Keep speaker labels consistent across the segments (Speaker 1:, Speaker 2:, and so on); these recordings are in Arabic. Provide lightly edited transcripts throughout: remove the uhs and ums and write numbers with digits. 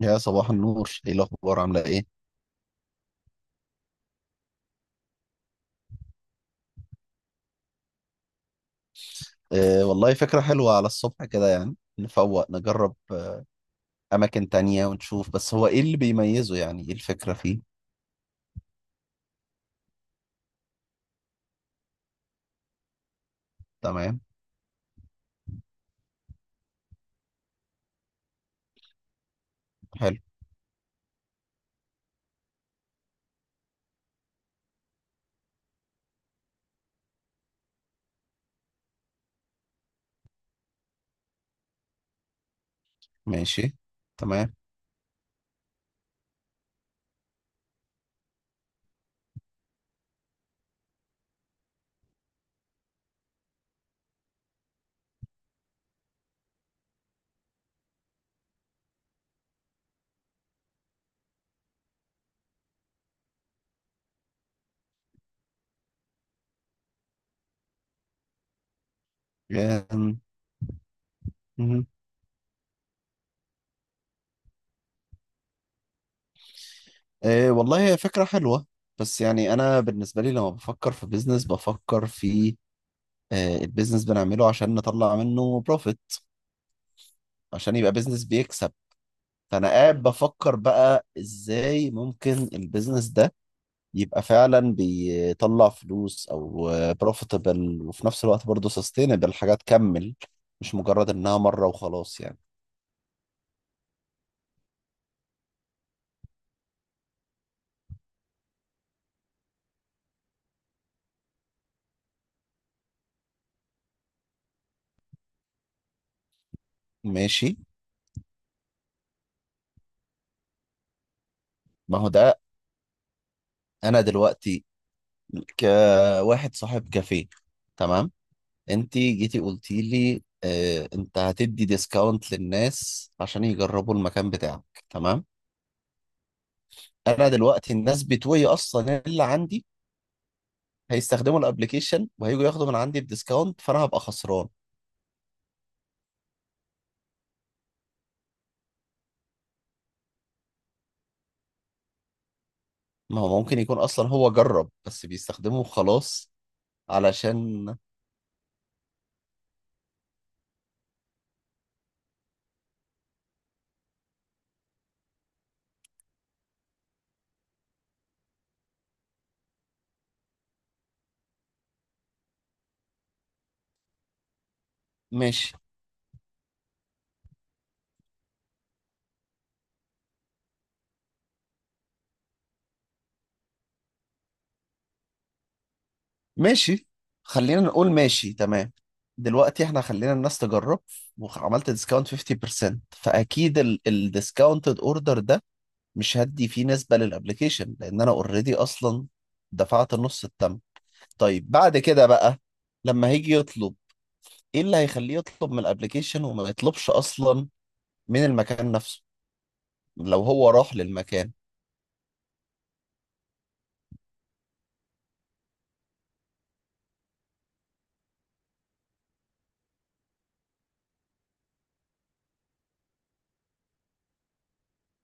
Speaker 1: يا صباح النور، ايه الاخبار؟ عامله ايه؟ آه والله فكره حلوه على الصبح كده، يعني نفوق نجرب. اماكن تانية ونشوف. بس هو ايه اللي بيميزه؟ يعني ايه الفكره فيه؟ تمام. حلو. ماشي. تمام. آم، مهم. آه والله هي فكره حلوه. بس يعني انا بالنسبه لي لما بفكر في بيزنس، بفكر في البيزنس بنعمله عشان نطلع منه بروفيت، عشان يبقى بيزنس بيكسب. فانا قاعد بفكر بقى ازاي ممكن البيزنس ده يبقى فعلا بيطلع فلوس او بروفيتبل، وفي نفس الوقت برضه سستينبل، حاجه تكمل، مش مجرد انها مره وخلاص يعني. ماشي. ما هو ده، انا دلوقتي كواحد صاحب كافيه، تمام. انت جيتي قلتي لي اه انت هتدي ديسكاونت للناس عشان يجربوا المكان بتاعك، تمام. انا دلوقتي الناس بتوعي اصلا اللي عندي هيستخدموا الابليكيشن وهيجوا ياخدوا من عندي الديسكاونت، فانا هبقى خسران. ما هو ممكن يكون اصلا هو جرب، بس بيستخدمه خلاص، علشان. ماشي. ماشي خلينا نقول ماشي تمام. دلوقتي احنا خلينا الناس تجرب، وعملت ديسكاونت 50%، فاكيد الديسكاونتد اوردر ده مش هدي فيه نسبة للابليكيشن، لان انا اوريدي اصلا دفعت النص التم. طيب بعد كده بقى لما هيجي يطلب، ايه اللي هيخليه يطلب من الابليكيشن وما يطلبش اصلا من المكان نفسه لو هو راح للمكان؟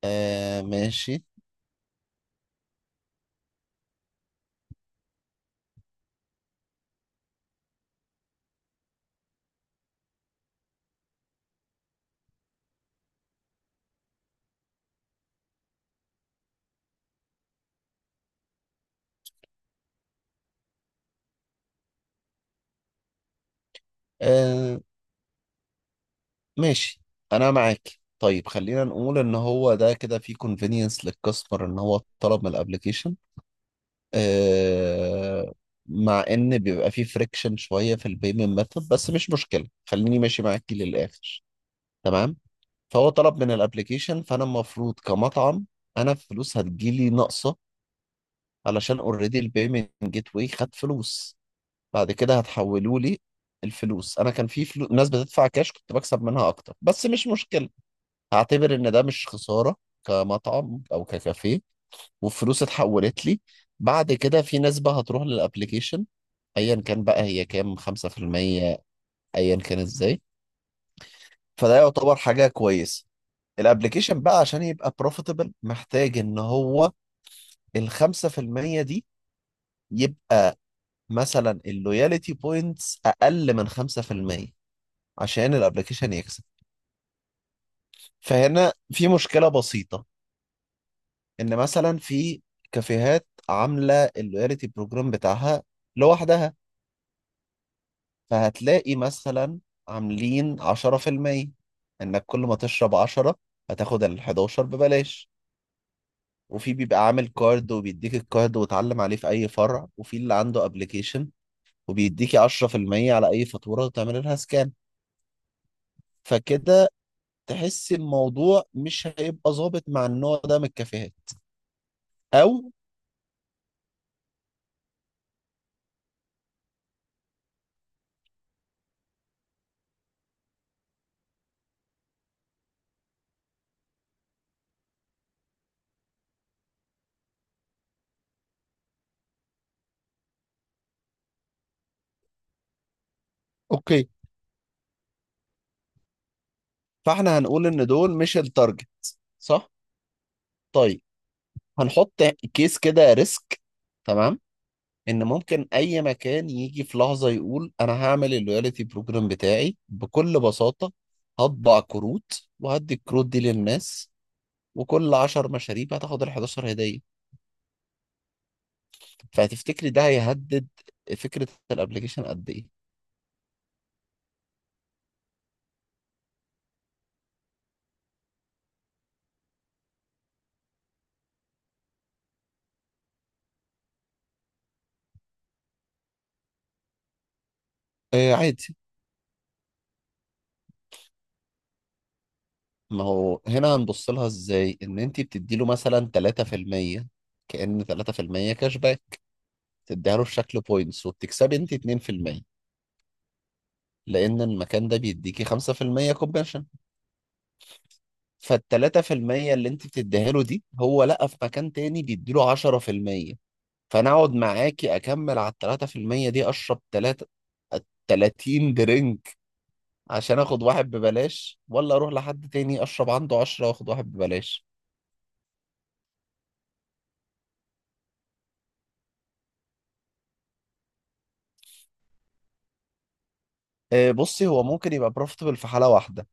Speaker 1: آه ماشي. آه ماشي، انا معاك. طيب خلينا نقول ان هو ده كده في convenience للكاستمر ان هو طلب من الابليكيشن. آه، مع ان بيبقى في فريكشن شويه في البيمنت ميثود، بس مش مشكله، خليني ماشي معاكي للاخر. تمام. فهو طلب من الابليكيشن، فانا المفروض كمطعم انا الفلوس هتجيلي ناقصه، علشان اوريدي البيمنت جيت واي خد فلوس، بعد كده هتحولوا لي الفلوس. انا كان في ناس بتدفع كاش كنت بكسب منها اكتر، بس مش مشكله، هعتبر ان ده مش خسارة كمطعم او ككافيه. والفلوس اتحولت لي، بعد كده في نسبة هتروح للابليكيشن، ايا كان بقى هي كام، 5%، ايا كان ازاي. فده يعتبر حاجة كويسة. الابليكيشن بقى عشان يبقى بروفيتبل محتاج ان هو ال 5% دي يبقى مثلا اللويالتي بوينتس اقل من 5% عشان الابليكيشن يكسب. فهنا في مشكلة بسيطة، ان مثلا في كافيهات عامله اللويالتي بروجرام بتاعها لوحدها، فهتلاقي مثلا عاملين 10%، انك كل ما تشرب 10 هتاخد ال 11 ببلاش. وفي بيبقى عامل كارد وبيديك الكارد وتعلم عليه في اي فرع، وفي اللي عنده ابلكيشن وبيديكي 10% على اي فاتوره وتعمل لها سكان. فكده تحس الموضوع مش هيبقى ظابط مع النوع ده من الكافيهات. او اوكي. فاحنا هنقول ان دول مش التارجت. صح. طيب هنحط كيس كده ريسك، تمام، ان ممكن اي مكان يجي في لحظه يقول انا هعمل اللويالتي بروجرام بتاعي بكل بساطه، هطبع كروت وهدي الكروت دي للناس، وكل 10 مشاريب هتاخد ال 11 هديه. فهتفتكري ده هيهدد فكره الابلكيشن قد ايه؟ آه عادي. ما هو هنا هنبص لها ازاي ان انت بتدي له مثلا 3%، كأن 3% كاش باك تديها له في شكل بوينتس، وبتكسبي انت 2%، لأن المكان ده بيديكي 5% كومباشن. فالتلاتة في المية اللي أنت بتديها له دي هو لقى في مكان تاني بيديله 10%، فأنا أقعد معاكي أكمل على التلاتة في المية دي، أشرب تلاتة، 30 درينك عشان آخد واحد ببلاش، ولا أروح لحد تاني أشرب عنده 10 وآخد واحد ببلاش. آه، بصي، هو ممكن يبقى بروفيتبل في حالة واحدة،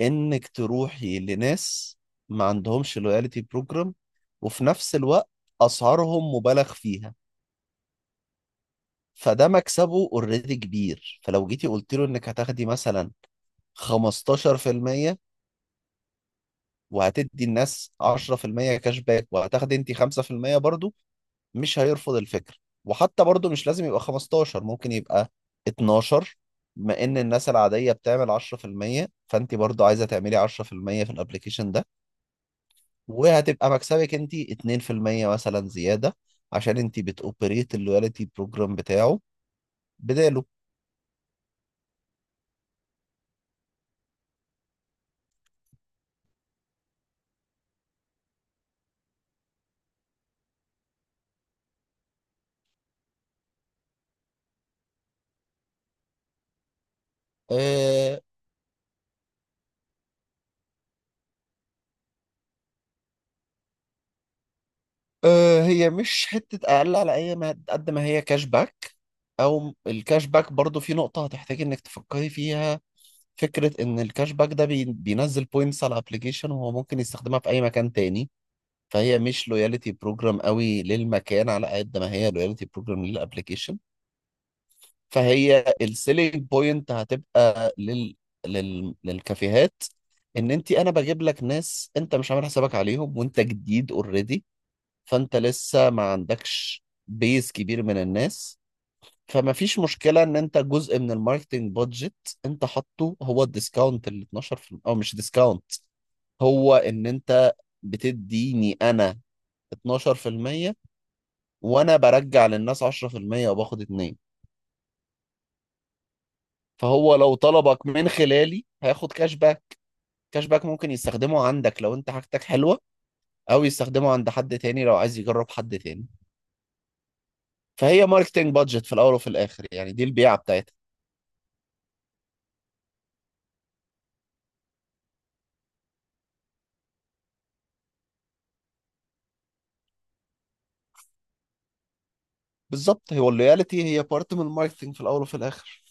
Speaker 1: إنك تروحي لناس ما عندهمش لويالتي بروجرام، وفي نفس الوقت أسعارهم مبالغ فيها، فده مكسبه اوريدي كبير. فلو جيتي قلت له انك هتاخدي مثلا 15%، وهتدي الناس 10% كاش باك وهتاخدي انت 5% برضو، مش هيرفض الفكرة. وحتى برضو مش لازم يبقى 15، ممكن يبقى 12. بما ان الناس العادية بتعمل 10%، فانت برضو عايزة تعملي 10% في المية في الابليكيشن ده، وهتبقى مكسبك انت 2% مثلا زيادة، عشان انت بتوبريت اللويالتي بروجرام بتاعه بداله. آه، أه هي مش حتة أقل على أي ما قد ما هي كاش باك. أو الكاش باك برضو في نقطة هتحتاج إنك تفكري فيها، فكرة إن الكاش باك ده بينزل بوينتس على الأبليكيشن، وهو ممكن يستخدمها في أي مكان تاني، فهي مش لويالتي بروجرام قوي للمكان على قد ما هي لويالتي بروجرام للأبليكيشن. فهي السيلينج بوينت هتبقى لل... للكافيهات، إن أنت أنا بجيب لك ناس أنت مش عامل حسابك عليهم وأنت جديد already. فانت لسه ما عندكش بيز كبير من الناس. فما فيش مشكلة ان انت جزء من الماركتنج بادجت انت حاطه هو الديسكاونت ال 12%، او مش ديسكاونت، هو ان انت بتديني انا 12%، وانا برجع للناس 10% وباخد 2. فهو لو طلبك من خلالي هياخد كاش باك. كاش باك ممكن يستخدمه عندك لو انت حاجتك حلوة، او يستخدمه عند حد تاني لو عايز يجرب حد تاني. فهي ماركتنج بادجت في الاول وفي الاخر يعني، دي البيعة بتاعتها. بالظبط، هو اللويالتي هي بارت من الماركتينج في الاول وفي الاخر.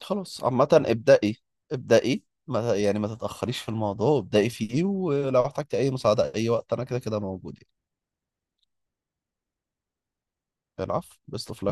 Speaker 1: خلاص عامه، ابدأي. ابدأي، ما يعني ما تتأخريش في الموضوع، ابدأي فيه. ولو احتجتي اي مساعدة اي وقت انا كده كده موجود يعني. العفو، بيست اوف.